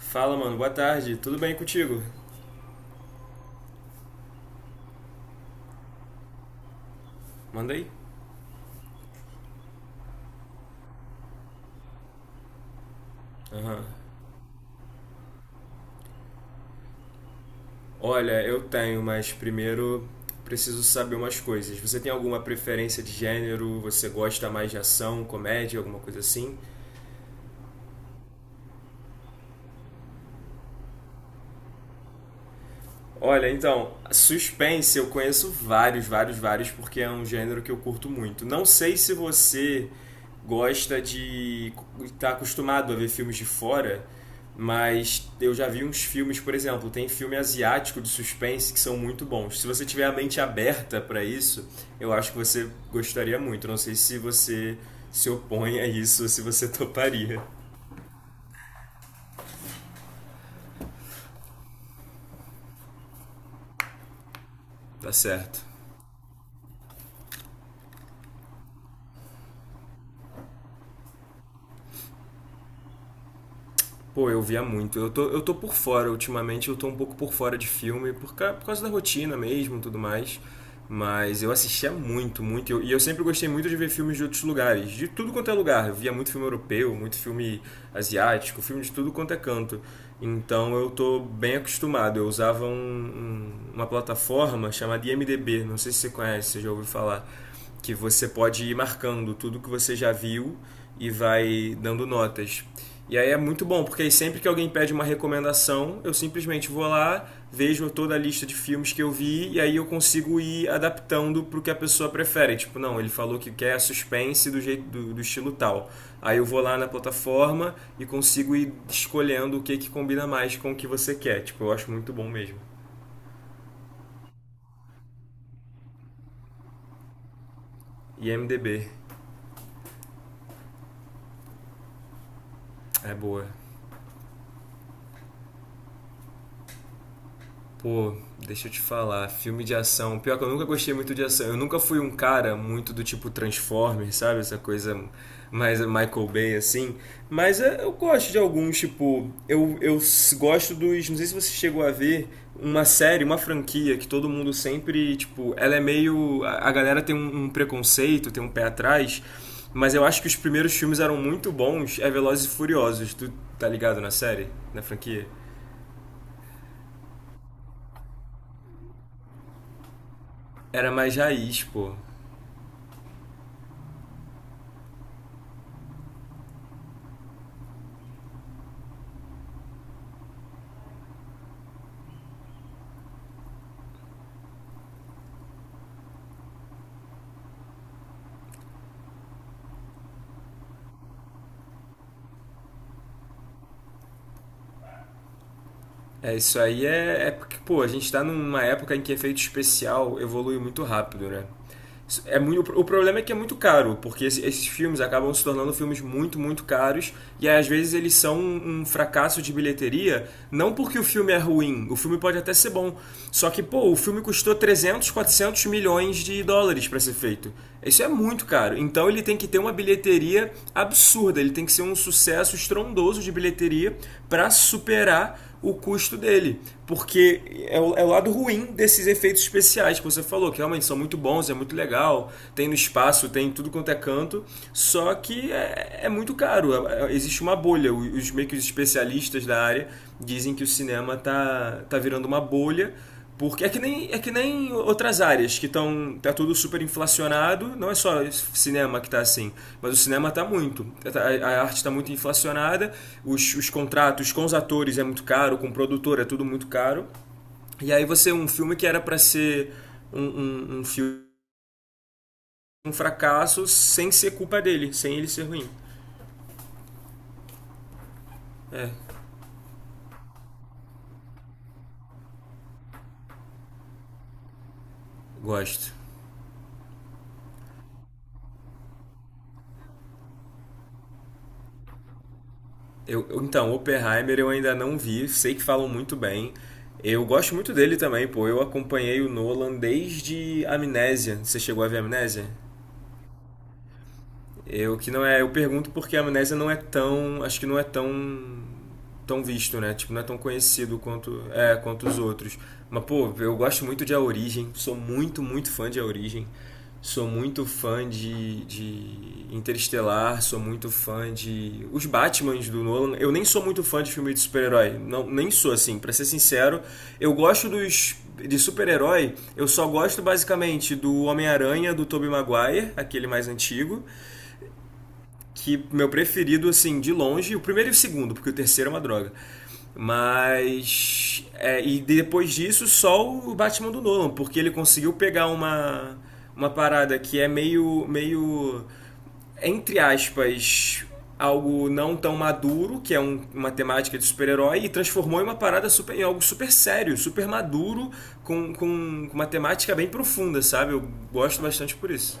Fala, mano. Boa tarde. Tudo bem contigo? Manda aí. Aham. Olha, eu tenho, mas primeiro preciso saber umas coisas. Você tem alguma preferência de gênero? Você gosta mais de ação, comédia, alguma coisa assim? Olha, então, suspense eu conheço vários, vários, vários, porque é um gênero que eu curto muito. Não sei se você gosta de estar acostumado a ver filmes de fora, mas eu já vi uns filmes, por exemplo, tem filme asiático de suspense que são muito bons. Se você tiver a mente aberta para isso, eu acho que você gostaria muito. Não sei se você se opõe a isso, ou se você toparia. Tá certo. Pô, eu via muito. Eu tô por fora. Ultimamente eu tô um pouco por fora de filme, por causa da rotina mesmo e tudo mais. Mas eu assistia muito, muito. E eu sempre gostei muito de ver filmes de outros lugares, de tudo quanto é lugar. Eu via muito filme europeu, muito filme asiático, filme de tudo quanto é canto. Então eu tô bem acostumado. Eu usava uma plataforma chamada IMDB, não sei se você conhece, você já ouviu falar que você pode ir marcando tudo que você já viu e vai dando notas. E aí é muito bom, porque aí sempre que alguém pede uma recomendação, eu simplesmente vou lá, vejo toda a lista de filmes que eu vi e aí eu consigo ir adaptando para o que a pessoa prefere. Tipo, não, ele falou que quer suspense do jeito do estilo tal. Aí eu vou lá na plataforma e consigo ir escolhendo o que que combina mais com o que você quer. Tipo, eu acho muito bom mesmo. IMDb é boa. Pô, deixa eu te falar, filme de ação. Pior que eu nunca gostei muito de ação. Eu nunca fui um cara muito do tipo Transformers, sabe? Essa coisa mais Michael Bay, assim. Mas é, eu gosto de alguns, tipo. Eu gosto dos. Não sei se você chegou a ver uma série, uma franquia que todo mundo sempre, tipo. Ela é meio. A galera tem um preconceito, tem um pé atrás. Mas eu acho que os primeiros filmes eram muito bons. É Velozes e Furiosos. Tu tá ligado na série? Na franquia? Era mais raiz, pô. É, isso aí é porque, pô, a gente tá numa época em que efeito especial evolui muito rápido, né? Isso é muito, o problema é que é muito caro, porque esses filmes acabam se tornando filmes muito, muito caros, e aí, às vezes eles são um fracasso de bilheteria, não porque o filme é ruim, o filme pode até ser bom, só que, pô, o filme custou 300 400 milhões de dólares para ser feito. Isso é muito caro. Então ele tem que ter uma bilheteria absurda, ele tem que ser um sucesso estrondoso de bilheteria para superar o custo dele. Porque é o lado ruim desses efeitos especiais que você falou, que realmente são muito bons, é muito legal, tem no espaço, tem tudo quanto é canto, só que é muito caro, existe uma bolha. Os meio que os especialistas da área dizem que o cinema tá virando uma bolha porque é que nem outras áreas que estão. Tá tudo super inflacionado. Não é só cinema que tá assim, mas o cinema tá muito. A arte tá muito inflacionada, os contratos com os atores é muito caro, com o produtor é tudo muito caro. E aí você, um filme que era para ser um filme um fracasso sem ser culpa dele, sem ele ser ruim. É, gosto. Então, Oppenheimer eu ainda não vi, sei que falam muito bem. Eu gosto muito dele também, pô. Eu acompanhei o Nolan desde Amnésia. Você chegou a ver Amnésia? Eu que não é, eu pergunto porque a amnésia não é tão, acho que não é tão visto, né? Tipo, não é tão conhecido quanto os outros. Mas pô, eu gosto muito de A Origem, sou muito, muito fã de A Origem. Sou muito fã de Interestelar, sou muito fã de os Batmans do Nolan. Eu nem sou muito fã de filme de super-herói, não, nem sou assim, para ser sincero. Eu gosto dos de super-herói, eu só gosto basicamente do Homem-Aranha do Tobey Maguire, aquele mais antigo, que meu preferido, assim, de longe, o primeiro e o segundo, porque o terceiro é uma droga. Mas. É, e depois disso, só o Batman do Nolan, porque ele conseguiu pegar uma, parada que é meio, entre aspas. Algo não tão maduro, que é uma temática de super-herói, e transformou em uma parada super, em algo super sério, super maduro, com uma temática bem profunda, sabe? Eu gosto bastante por isso.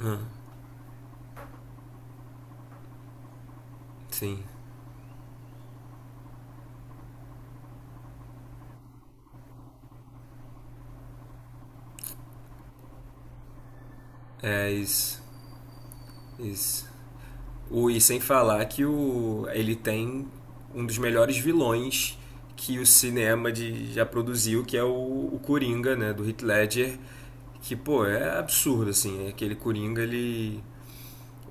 Ah, sim. É isso. Isso. E sem falar que ele tem um dos melhores vilões que o cinema já produziu, que é o Coringa, né, do Heath Ledger, que, pô, é absurdo, assim, né, aquele Coringa, ele,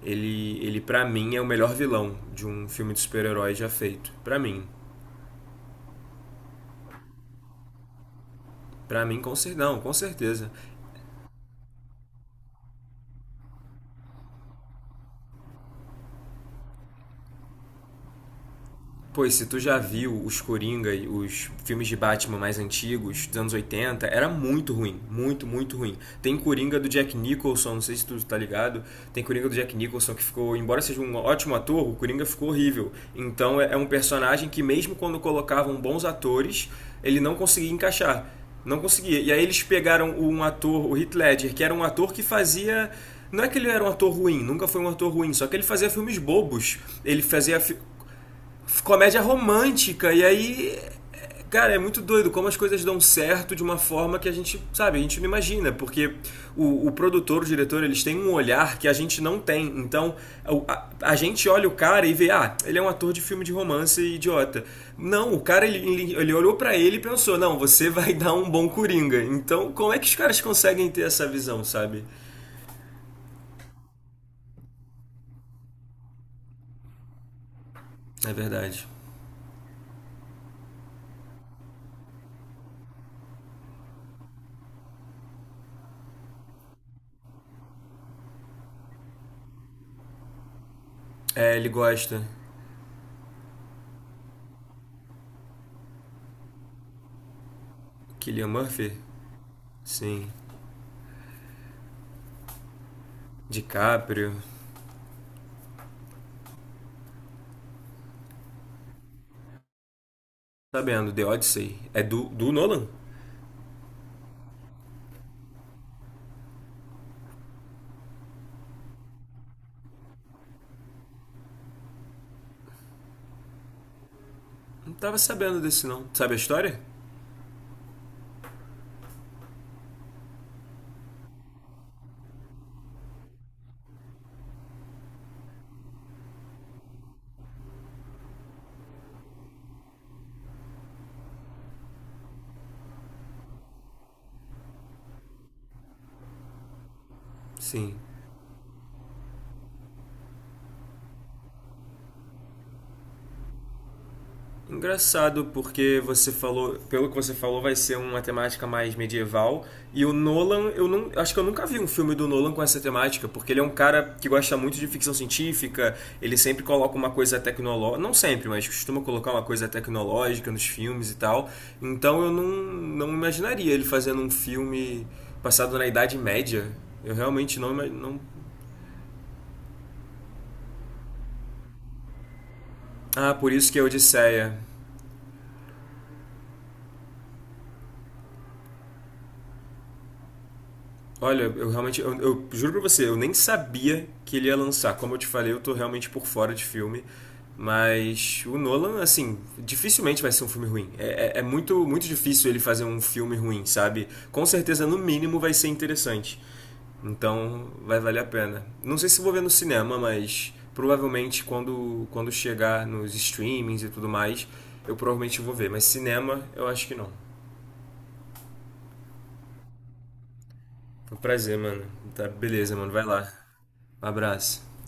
ele, ele para mim é o melhor vilão de um filme de super-herói já feito, pra mim. Pra mim, com não, com certeza. Pois se tu já viu os Coringa, os filmes de Batman mais antigos, dos anos 80, era muito ruim. Muito, muito ruim. Tem Coringa do Jack Nicholson, não sei se tu tá ligado. Tem Coringa do Jack Nicholson que ficou, embora seja um ótimo ator, o Coringa ficou horrível. Então é um personagem que, mesmo quando colocavam bons atores, ele não conseguia encaixar. Não conseguia. E aí eles pegaram um ator, o Heath Ledger, que era um ator que fazia não é que ele era um ator ruim, nunca foi um ator ruim, só que ele fazia filmes bobos. Ele fazia comédia romântica. E aí, cara, é muito doido como as coisas dão certo de uma forma que a gente, sabe, a gente não imagina. Porque o produtor, o diretor, eles têm um olhar que a gente não tem. Então, a gente olha o cara e vê, ah, ele é um ator de filme de romance idiota. Não, o cara, ele, olhou pra ele e pensou, não, você vai dar um bom Coringa. Então, como é que os caras conseguem ter essa visão, sabe? É verdade. É, ele gosta. Killian Murphy? Sim. DiCaprio. Sabendo, The Odyssey. É do Nolan? Não tava sabendo desse, não. Sabe a história? Sim. Engraçado, porque você falou, pelo que você falou, vai ser uma temática mais medieval. E o Nolan, eu não, acho que eu nunca vi um filme do Nolan com essa temática, porque ele é um cara que gosta muito de ficção científica, ele sempre coloca uma coisa tecnológica, não sempre, mas costuma colocar uma coisa tecnológica nos filmes e tal. Então eu não imaginaria ele fazendo um filme passado na Idade Média. Eu realmente não. Ah, por isso que é Odisseia. Olha, eu realmente, eu juro pra você, eu nem sabia que ele ia lançar. Como eu te falei, eu tô realmente por fora de filme. Mas o Nolan, assim, dificilmente vai ser um filme ruim. É muito, muito difícil ele fazer um filme ruim, sabe? Com certeza, no mínimo, vai ser interessante. Então, vai valer a pena. Não sei se vou ver no cinema, mas provavelmente quando chegar nos streamings e tudo mais, eu provavelmente vou ver. Mas cinema, eu acho que não. Foi um prazer, mano. Tá, beleza, mano. Vai lá. Um abraço.